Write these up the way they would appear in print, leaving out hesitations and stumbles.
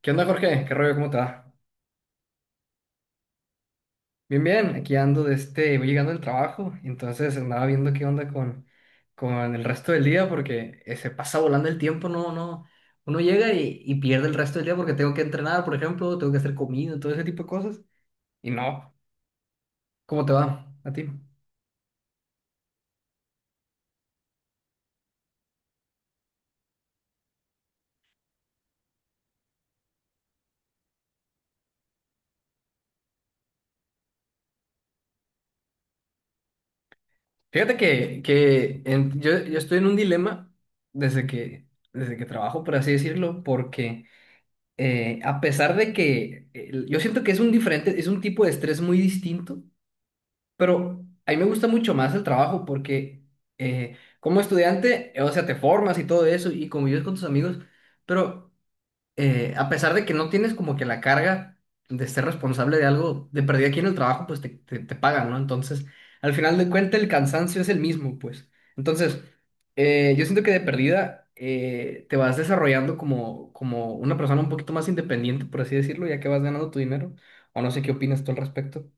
¿Qué onda, Jorge? ¿Qué rollo? ¿Cómo te va? Bien, bien. Aquí ando voy llegando del trabajo, entonces andaba viendo qué onda con el resto del día porque se pasa volando el tiempo, no, no. Uno llega y pierde el resto del día porque tengo que entrenar, por ejemplo, tengo que hacer comida, todo ese tipo de cosas. Y no, ¿cómo te va a ti? Fíjate que yo estoy en un dilema desde que, desde que trabajo, por así decirlo, porque a pesar de que yo siento que es un diferente, es un tipo de estrés muy distinto. Pero a mí me gusta mucho más el trabajo, porque como estudiante, o sea, te formas y todo eso y convives con tus amigos, pero a pesar de que no tienes como que la carga de ser responsable de algo, de perder aquí en el trabajo, pues te pagan, ¿no? Entonces, al final de cuentas, el cansancio es el mismo, pues. Entonces, yo siento que de perdida te vas desarrollando como una persona un poquito más independiente, por así decirlo, ya que vas ganando tu dinero, o no sé qué opinas tú al respecto.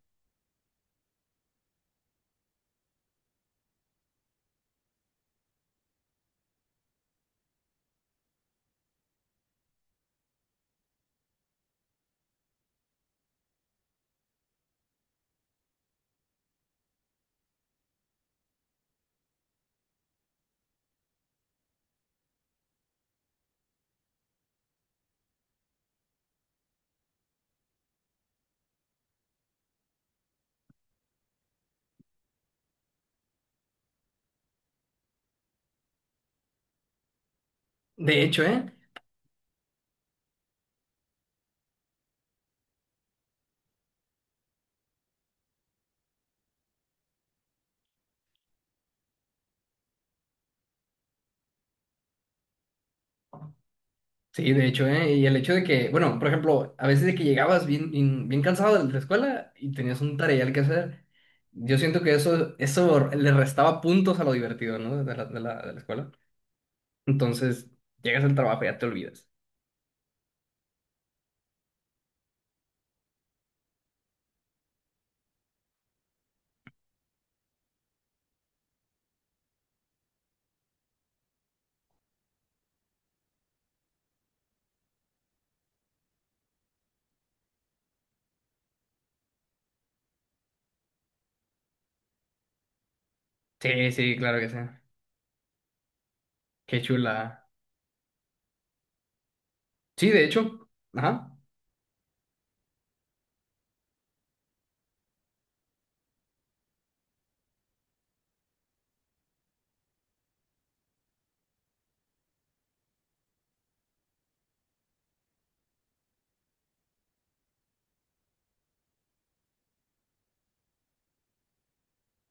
De hecho, ¿eh? Sí, de hecho, ¿eh? Y el hecho de que, bueno, por ejemplo, a veces de que llegabas bien, bien, bien cansado de la escuela y tenías un tareal que hacer, yo siento que eso le restaba puntos a lo divertido, ¿no? De la escuela. Entonces, llegas al trabajo y ya te olvidas. Sí, sí, claro que sí. Qué chula. Sí, de hecho, ajá.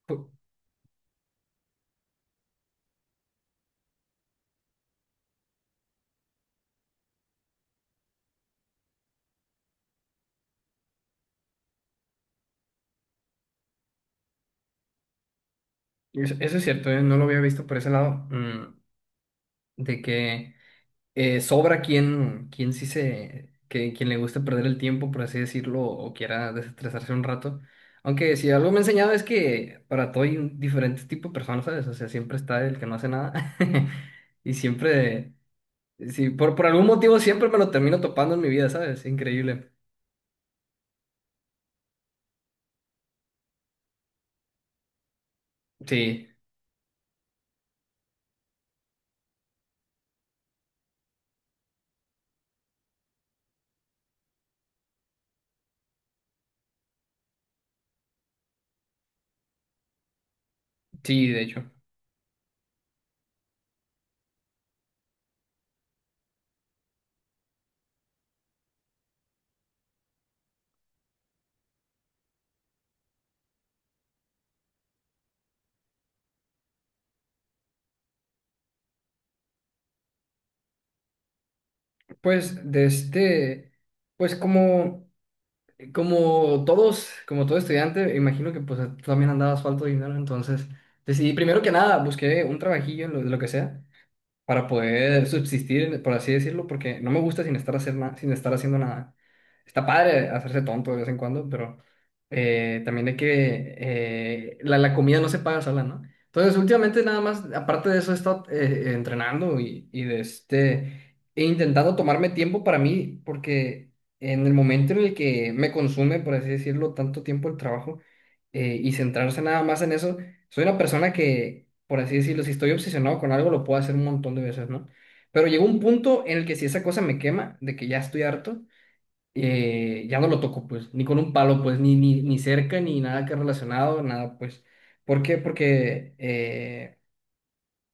pu- eso es cierto, ¿eh? No lo había visto por ese lado. De que... Sobra quien, quien sí se, que, quien le guste perder el tiempo, por así decirlo, o quiera desestresarse un rato. Aunque si algo me ha enseñado es que para todo hay un diferente tipo de personas, ¿sabes? O sea, siempre está el que no hace nada. Y siempre, sí, por algún motivo siempre me lo termino topando en mi vida, ¿sabes? Increíble. Sí, sí, de hecho. Pues de este, pues como... como todos, como todo estudiante, imagino que pues tú también andabas falto de dinero. Entonces decidí, primero que nada, busqué un trabajillo, lo que sea, para poder subsistir, por así decirlo, porque no me gusta sin estar haciendo nada. Está padre hacerse tonto de vez en cuando, pero también hay que... la comida no se paga sola, ¿no? Entonces, últimamente nada más, aparte de eso, he estado entrenando y e intentando tomarme tiempo para mí, porque en el momento en el que me consume, por así decirlo, tanto tiempo el trabajo y centrarse nada más en eso, soy una persona que, por así decirlo, si estoy obsesionado con algo, lo puedo hacer un montón de veces, ¿no? Pero llegó un punto en el que si esa cosa me quema, de que ya estoy harto, ya no lo toco, pues, ni con un palo, pues, ni cerca, ni nada que relacionado, nada, pues. ¿Por qué? Porque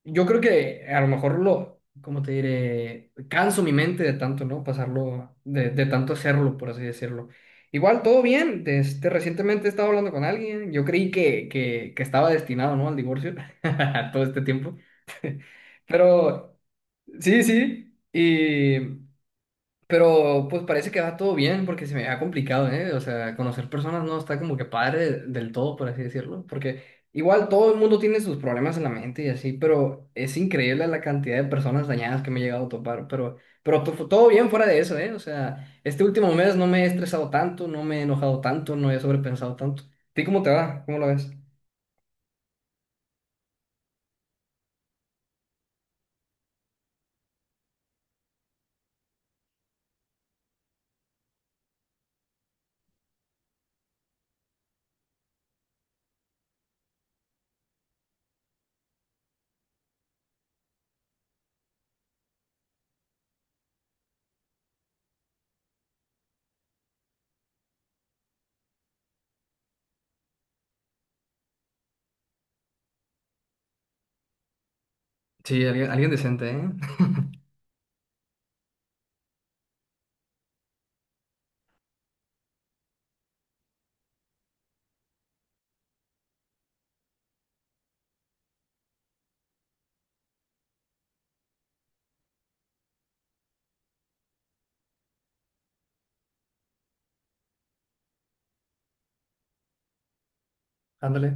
yo creo que a lo mejor lo, como te diré, canso mi mente de tanto, ¿no? Pasarlo, de tanto hacerlo, por así decirlo. Igual, todo bien. Recientemente he estado hablando con alguien. Yo creí que estaba destinado, ¿no? Al divorcio todo este tiempo. Pero sí, sí. Y pero pues parece que va todo bien, porque se me ha complicado, ¿eh? O sea, conocer personas no está como que padre del todo, por así decirlo, porque igual todo el mundo tiene sus problemas en la mente y así, pero es increíble la cantidad de personas dañadas que me he llegado a topar, pero todo bien fuera de eso, ¿eh? O sea, este último mes no me he estresado tanto, no me he enojado tanto, no he sobrepensado tanto. ¿A ti cómo te va? ¿Cómo lo ves? Sí, alguien decente, ¿eh? Ándale.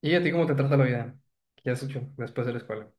¿Y a ti cómo te trata la vida? ¿Qué has hecho después de la escuela?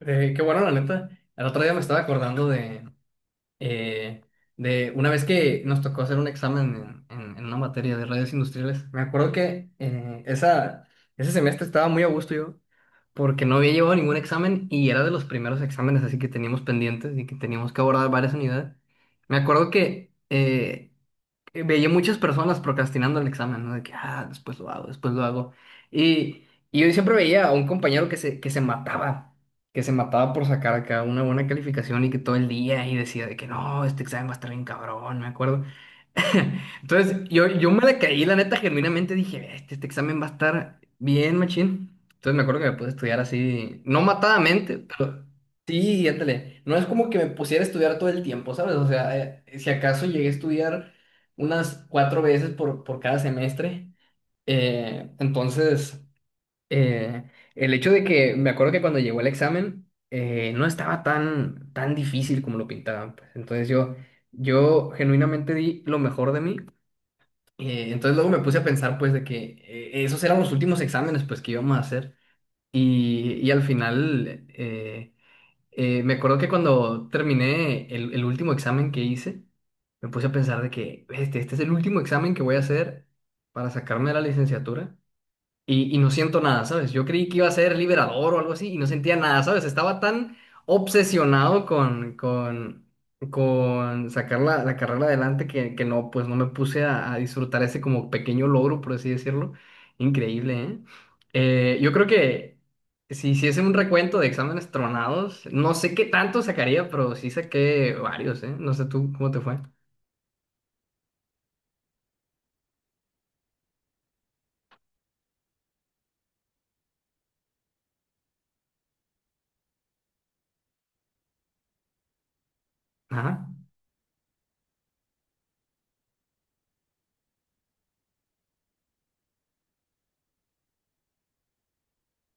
Qué bueno, la neta. El otro día me estaba acordando eh, de una vez que nos tocó hacer un examen en, en una materia de redes industriales. Me acuerdo que ese semestre estaba muy a gusto yo, porque no había llevado ningún examen y era de los primeros exámenes así que teníamos pendientes y que teníamos que abordar varias unidades. Me acuerdo que veía muchas personas procrastinando el examen, ¿no? De que, ah, después lo hago, después lo hago. Y, y yo siempre veía a un compañero que se mataba por sacar acá una buena calificación y que todo el día y decía de que no, este examen va a estar bien cabrón, me acuerdo. Entonces, yo me decaí, la neta, genuinamente dije, este examen va a estar bien, machín. Entonces me acuerdo que me puse a estudiar así, no matadamente, pero sí, ándale. No es como que me pusiera a estudiar todo el tiempo, ¿sabes? O sea, si acaso llegué a estudiar unas cuatro veces por cada semestre. Entonces, eh, el hecho de que me acuerdo que cuando llegó el examen no estaba tan difícil como lo pintaban, pues. Entonces yo genuinamente di lo mejor de mí. Entonces luego me puse a pensar, pues, de que esos eran los últimos exámenes, pues, que íbamos a hacer. Y al final, me acuerdo que cuando terminé el último examen que hice, me puse a pensar de que este es el último examen que voy a hacer para sacarme de la licenciatura, y no siento nada, ¿sabes? Yo creí que iba a ser liberador o algo así y no sentía nada, ¿sabes? Estaba tan obsesionado con sacar la carrera adelante que no, pues no me puse a disfrutar ese como pequeño logro, por así decirlo. Increíble, ¿eh? Yo creo que si hiciese un recuento de exámenes tronados, no sé qué tanto sacaría, pero sí saqué varios, ¿eh? No sé tú cómo te fue. Ajá.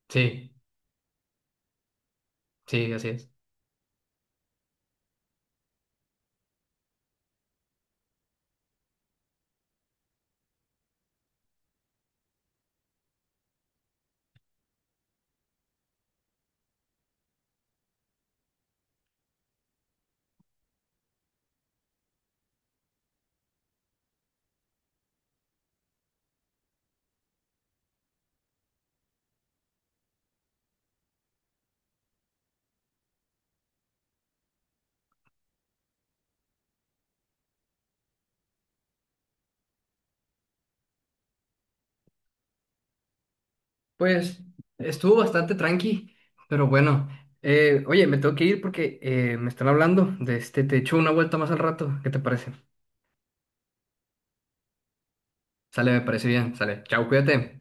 Sí, sí, así es. Pues estuvo bastante tranqui, pero bueno. Oye, me tengo que ir porque me están hablando de este. Te echo una vuelta más al rato. ¿Qué te parece? Sale, me parece bien. Sale. Chao, cuídate.